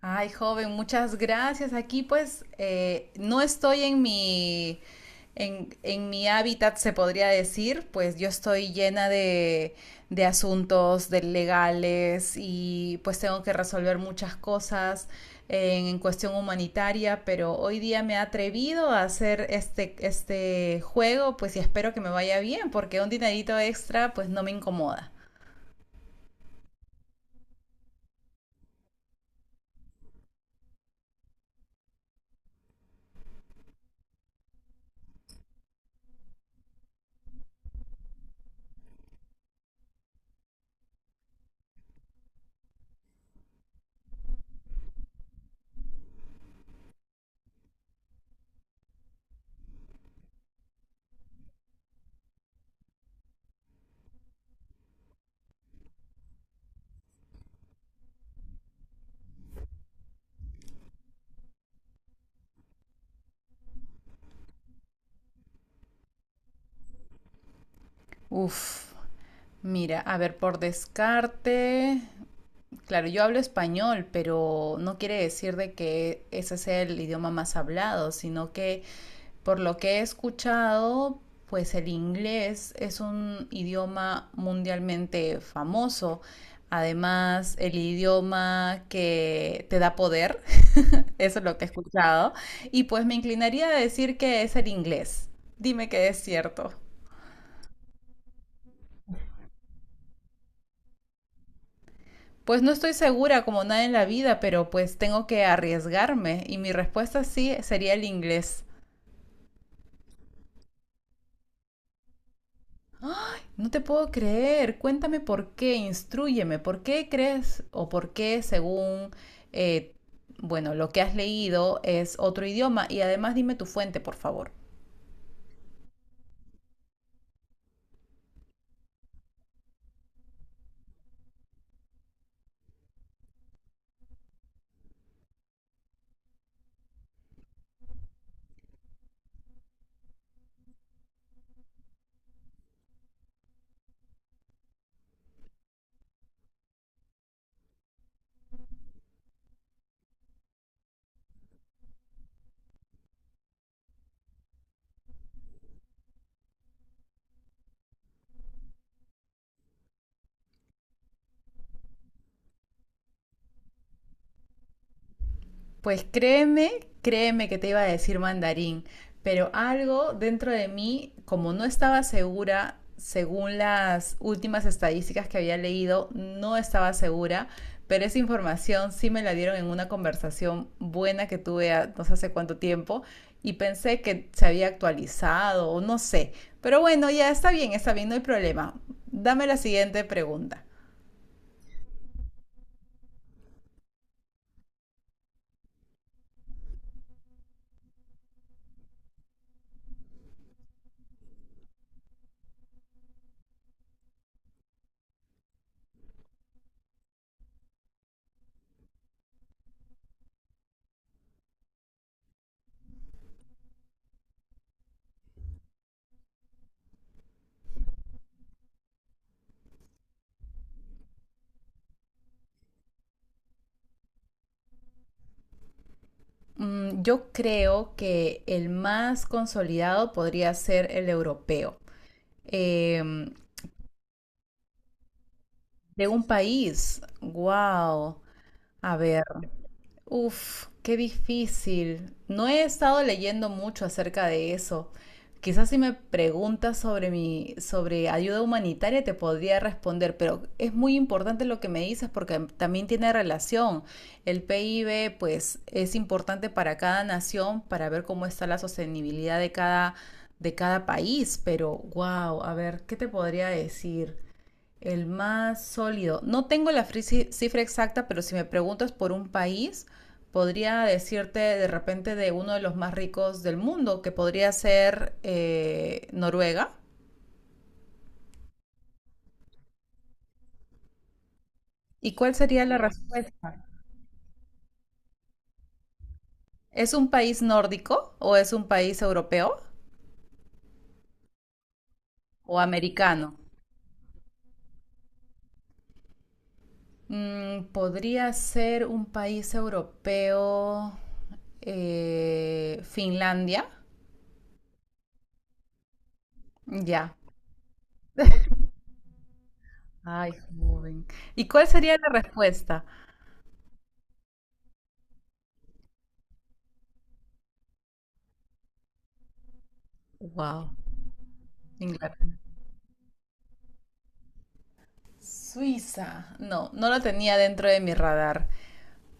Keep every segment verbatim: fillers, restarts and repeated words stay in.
Ay, joven, muchas gracias. Aquí pues eh, no estoy en mi, en, en mi hábitat, se podría decir, pues yo estoy llena de, de asuntos de legales y pues tengo que resolver muchas cosas en, en cuestión humanitaria, pero hoy día me he atrevido a hacer este, este juego, pues y espero que me vaya bien, porque un dinerito extra pues no me incomoda. Uf, mira, a ver, por descarte, claro, yo hablo español, pero no quiere decir de que ese sea el idioma más hablado, sino que por lo que he escuchado, pues el inglés es un idioma mundialmente famoso. Además, el idioma que te da poder, eso es lo que he escuchado. Y pues me inclinaría a decir que es el inglés. Dime que es cierto. Pues no estoy segura como nada en la vida, pero pues tengo que arriesgarme y mi respuesta sí sería el inglés. No te puedo creer, cuéntame por qué. Instrúyeme por qué crees o por qué según, eh, bueno, lo que has leído es otro idioma y además dime tu fuente, por favor. Pues créeme, créeme que te iba a decir mandarín, pero algo dentro de mí, como no estaba segura, según las últimas estadísticas que había leído, no estaba segura, pero esa información sí me la dieron en una conversación buena que tuve a- no sé hace cuánto tiempo y pensé que se había actualizado o no sé. Pero bueno, ya está bien, está bien, no hay problema. Dame la siguiente pregunta. Mm, yo creo que el más consolidado podría ser el europeo. Em, de un país. Wow. A ver. Uf, qué difícil. No he estado leyendo mucho acerca de eso. Quizás si me preguntas sobre mi, sobre ayuda humanitaria te podría responder, pero es muy importante lo que me dices porque también tiene relación. El P I B, pues, es importante para cada nación para ver cómo está la sostenibilidad de cada, de cada país, pero wow, a ver, ¿qué te podría decir? El más sólido. No tengo la cifra exacta, pero si me preguntas por un país, podría decirte de repente de uno de los más ricos del mundo, que podría ser eh, Noruega. ¿Y cuál sería la respuesta? ¿Es un país nórdico o es un país europeo o americano? Mm, podría ser un país europeo, eh, Finlandia. Ya. Ay, joven. ¿Y cuál sería la respuesta? Wow. Inglaterra. Suiza. No, no lo tenía dentro de mi radar.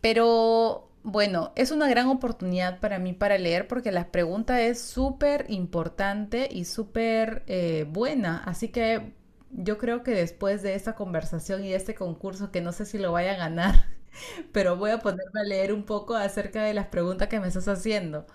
Pero bueno, es una gran oportunidad para mí para leer porque la pregunta es súper importante y súper eh, buena. Así que yo creo que después de esta conversación y de este concurso, que no sé si lo vaya a ganar, pero voy a ponerme a leer un poco acerca de las preguntas que me estás haciendo.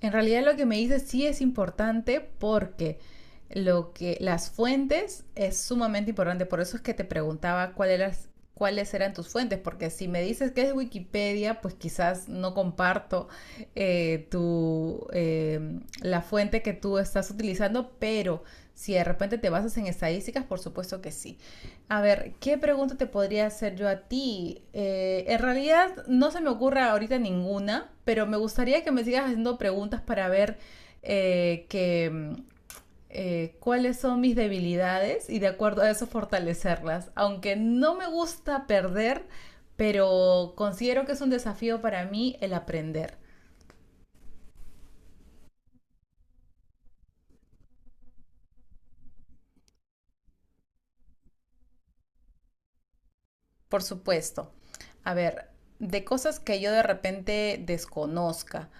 En realidad lo que me dices sí es importante porque lo que las fuentes es sumamente importante, por eso es que te preguntaba cuál eras, cuáles eran tus fuentes, porque si me dices que es Wikipedia, pues quizás no comparto eh, tu, eh, la fuente que tú estás utilizando, pero si de repente te basas en estadísticas, por supuesto que sí. A ver, ¿qué pregunta te podría hacer yo a ti? Eh, en realidad no se me ocurre ahorita ninguna, pero me gustaría que me sigas haciendo preguntas para ver eh, que, mm, eh, cuáles son mis debilidades y de acuerdo a eso fortalecerlas. Aunque no me gusta perder, pero considero que es un desafío para mí el aprender. Por supuesto. A ver, de cosas que yo de repente desconozca.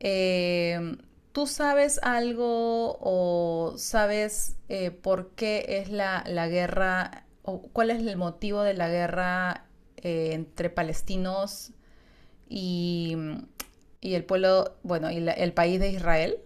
Eh, ¿Tú sabes algo o sabes eh, por qué es la, la guerra o cuál es el motivo de la guerra eh, entre palestinos y, y el pueblo, bueno, y la- el país de Israel?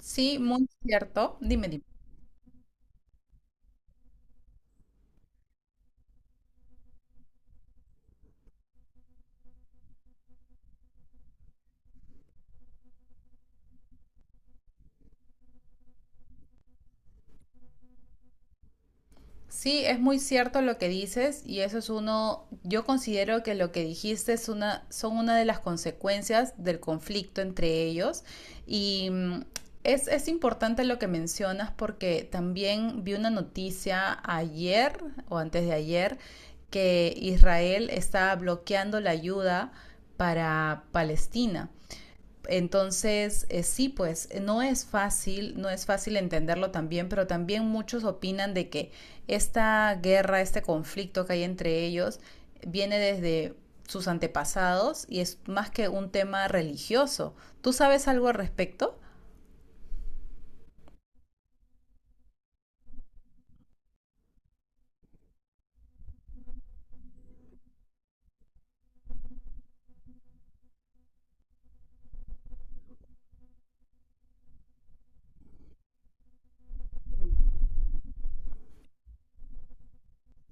Sí, muy cierto. Dime, dime. Sí, es muy cierto lo que dices y eso es uno, yo considero que lo que dijiste es una, son una de las consecuencias del conflicto entre ellos y mm, es, es importante lo que mencionas porque también vi una noticia ayer o antes de ayer que Israel está bloqueando la ayuda para Palestina. Entonces, eh, sí, pues eh, no es fácil, no es fácil entenderlo también, pero también muchos opinan de que esta guerra, este conflicto que hay entre ellos, viene desde sus antepasados y es más que un tema religioso. ¿Tú sabes algo al respecto?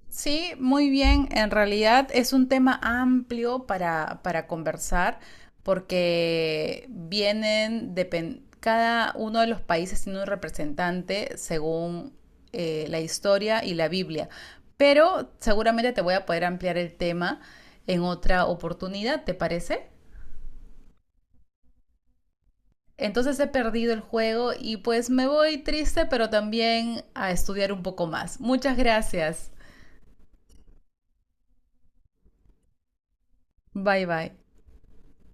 Sí, muy bien. En realidad es un tema amplio para, para conversar porque vienen, depen- cada uno de los países tiene un representante según eh, la historia y la Biblia. Pero seguramente te voy a poder ampliar el tema en otra oportunidad, ¿te parece? Entonces he perdido el juego y pues me voy triste, pero también a estudiar un poco más. Muchas gracias. Bye bye.